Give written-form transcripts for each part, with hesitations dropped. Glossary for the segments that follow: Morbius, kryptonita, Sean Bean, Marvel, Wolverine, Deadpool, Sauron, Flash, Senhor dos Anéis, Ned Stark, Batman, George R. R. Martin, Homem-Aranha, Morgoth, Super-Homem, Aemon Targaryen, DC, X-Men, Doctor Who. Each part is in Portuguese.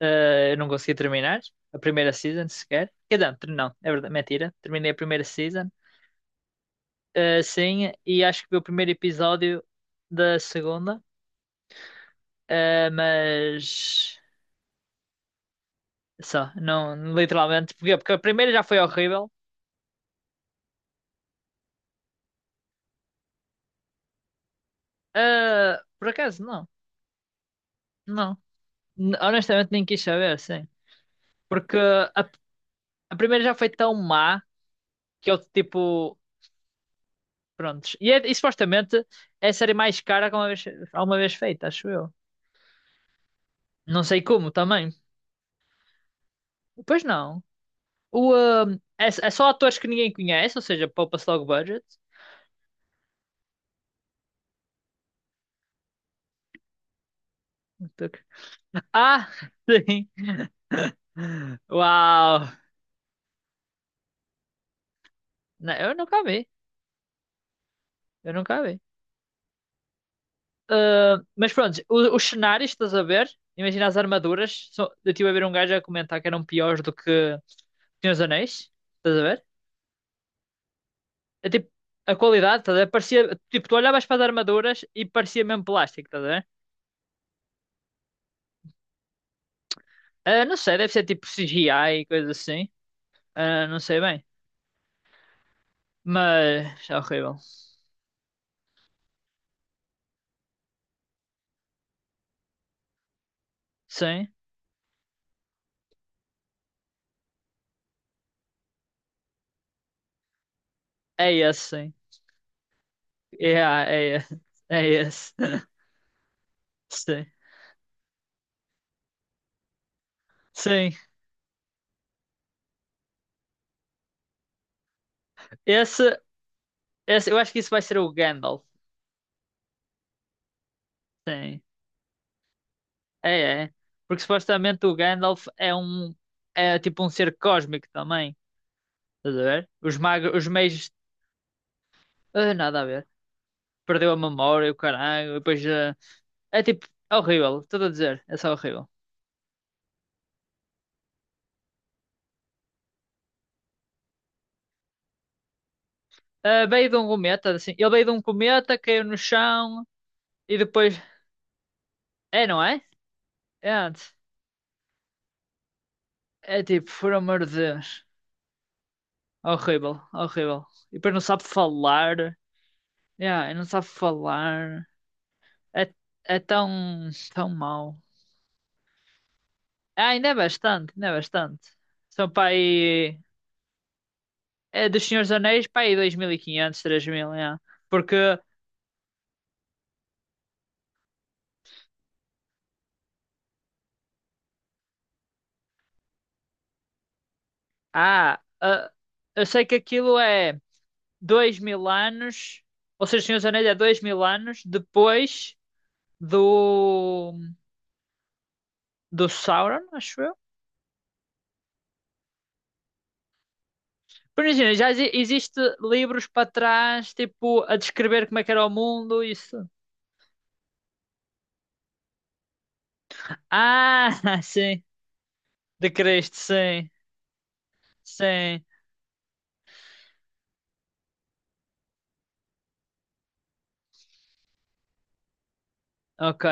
Eu não consegui terminar a primeira season sequer. Quer dizer, não, é verdade, mentira. Terminei a primeira season, sim, e acho que vi o primeiro episódio da segunda, mas só, não, literalmente, porque a primeira já foi horrível. Por acaso, não, não, honestamente nem quis saber, sim, porque a, a primeira já foi tão má que eu, tipo, prontos, e, é, e supostamente é a série mais cara que alguma vez feita, acho eu. Não sei como também. Pois não. É só atores que ninguém conhece, ou seja, poupa-se logo budget. Ah, sim. Uau. Não, eu nunca vi. Eu nunca vi. Ah, mas pronto, os cenários, estás a ver? Imagina as armaduras. Eu estive a ver um gajo a comentar que eram piores do que Senhor dos Anéis. Estás a ver? É tipo, a qualidade, estás a ver? Parecia, tipo, tu olhavas para as armaduras e parecia mesmo plástico, estás a ver? Ah, não sei, deve ser tipo CGI e coisa assim. Ah, não sei bem. Mas é horrível. Sim, é esse, sim. Yeah, é esse. É esse. Sim. Sim. Esse, esse, eu acho que isso vai ser o Gandalf. Sim. É, é. Porque supostamente o Gandalf é um. É tipo um ser cósmico também. Estás a ver? Os magos, os meios. Nada a ver. Perdeu a memória, o caralho. E depois, é tipo. É horrível. Estou a dizer. É só horrível. Ah, veio de um cometa, assim. Ele veio de um cometa, caiu no chão e depois. É, não é? É antes. É tipo, por amor de Deus. Horrível, horrível. E depois não sabe falar. Yeah, e não sabe falar. É, é tão, tão mau. Ah, ainda é bastante, ainda é bastante. São para aí. É dos Senhores dos Anéis para aí 2.500, 3.000, yeah. Porque, ah, ah, eu sei que aquilo é 2.000 anos. Ou seja, os Senhores dos Anéis é 2.000 anos depois do, do Sauron, acho eu. Por imagina, já existe livros para trás, tipo, a descrever como é que era o mundo, isso. Ah, sim. De Cristo, sim. Sim. Ok.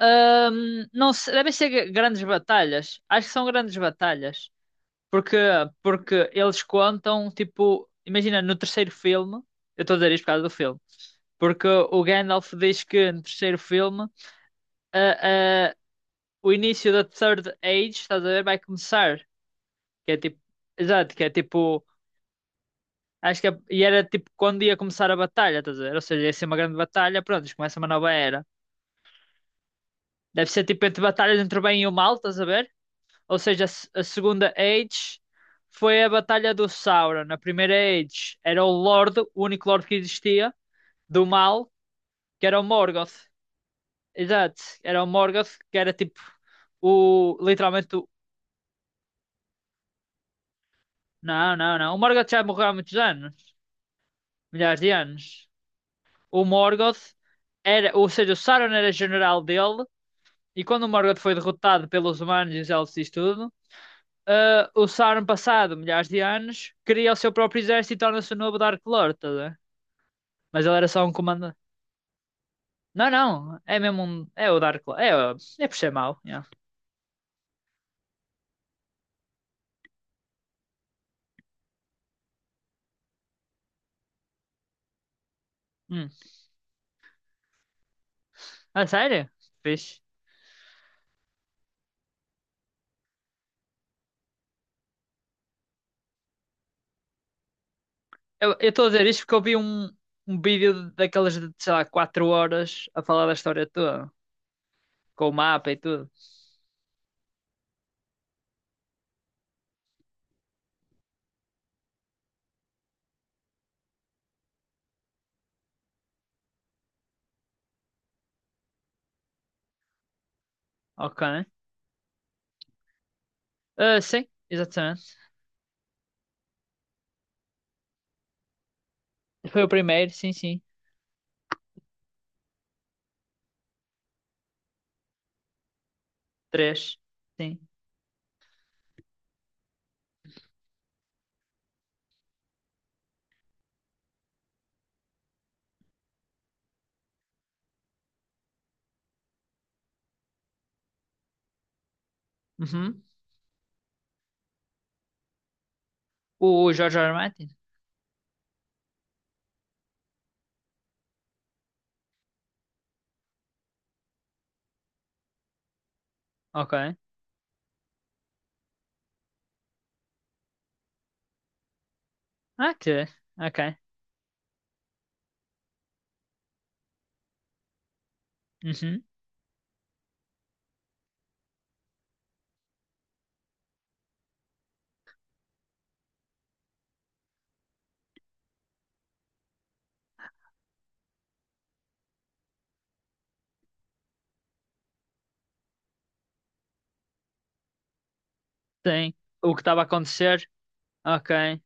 Devem ser grandes batalhas. Acho que são grandes batalhas. Porque, porque eles contam, tipo, imagina, no terceiro filme, eu estou a dizer isto por causa do filme, porque o Gandalf diz que no terceiro filme, ah, ah, o início da Third Age, estás a ver, vai começar. Que é tipo. Exato, que é tipo. Acho que e era tipo quando ia começar a batalha, estás a ver? Ou seja, ia ser uma grande batalha, pronto, isto começa uma nova era. Deve ser tipo entre batalhas entre o bem e o mal, estás a ver? Ou seja, a, se- a segunda Age foi a batalha do Sauron. A primeira Age era o Lorde, o único Lorde que existia, do mal, que era o Morgoth. Exato, era o Morgoth, que era tipo o. Literalmente o. Não, não, não. O Morgoth já morreu há muitos anos, milhares de anos. O Morgoth era, ou seja, o Sauron era general dele, e quando o Morgoth foi derrotado pelos humanos e os elfos e isso tudo, o Sauron, passado milhares de anos, cria o seu próprio exército e torna-se o novo Dark Lord, tá a ver? Mas ele era só um comandante. Não, não, é mesmo um. É o Dark Lord. É, por ser mau. Yeah. Hum. Ah, sério? Fixe. Eu estou a dizer isto porque eu vi um vídeo daquelas de, sei lá, 4 horas a falar da história toda, com o mapa e tudo. Ok. Ah, sim, exatamente. Foi o primeiro, sim, sim. Três. Sim. Uhum. O George R. R. Martin? Ok. Ok. Ok. Uhum. Sim. O que estava a acontecer? Ok.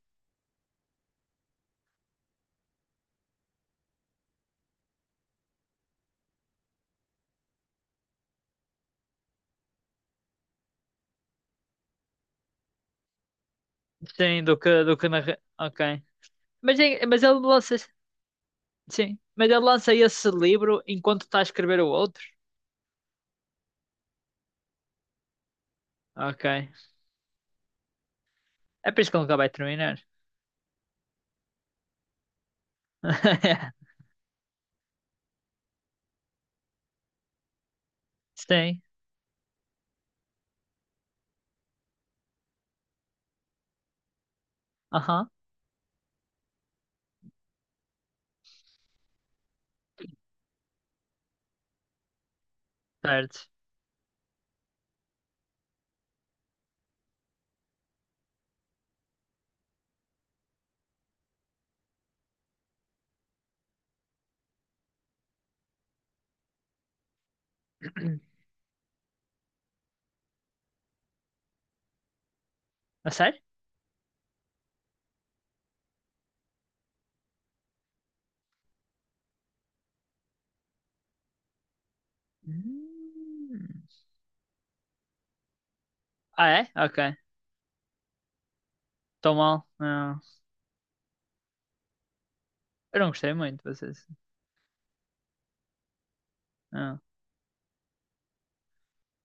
Sim, do que na... Ok. Mas, mas ele lança... Sim. Mas ele lança esse livro enquanto está a escrever o outro? Ok. É por isso que ele nunca vai terminar. Sim. Aham. Certo. A sério? Hum. Ah, é? Ok. Estou mal. Não. Eu não gostei muito, vocês.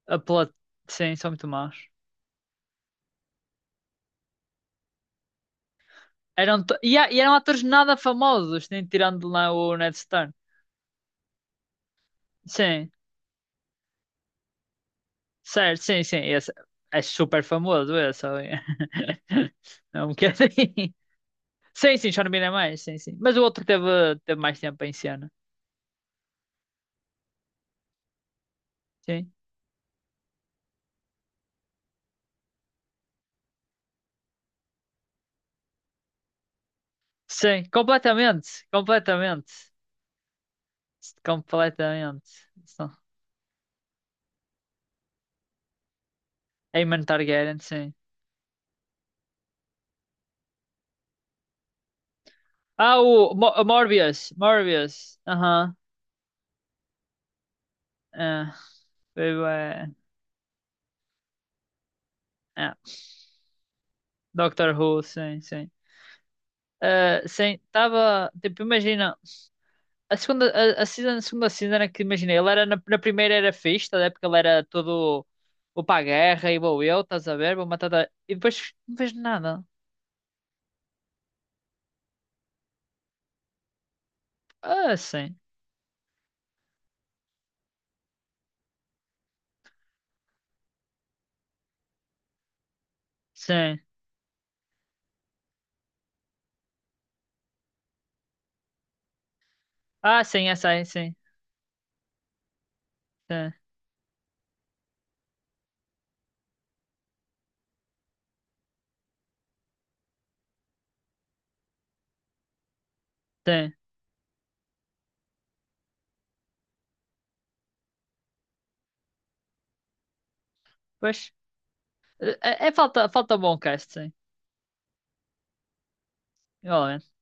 A plot, sim, são muito maus. E eram atores nada famosos, nem tirando lá o Ned Stark. Sim, certo, sim, sim. Esse é super famoso, esse ali. É um bocadinho. Sim, sim, Sean Bean é mais, sim, sim. Mas o outro teve mais tempo em cena. Sim, sim, completamente, completamente, completamente. Só- Aemon Targaryen, sim. Ah, o Morbius, Morbius. Aham, é. Foi bué. É. Doctor Who, sim, sim. Ah, sim, estava. Tipo, imagina. A segunda, a season, a segunda season era que, imagina, ele era na primeira era fixe, tá, a ver? Porque ele era todo. Vou para a guerra e vou eu, estás a ver? Vou matar. E depois não fez nada. Ah, sim, sim. Ah, sim, é, sim, sim, sim, sim. Pois. É falta bom cast, sim.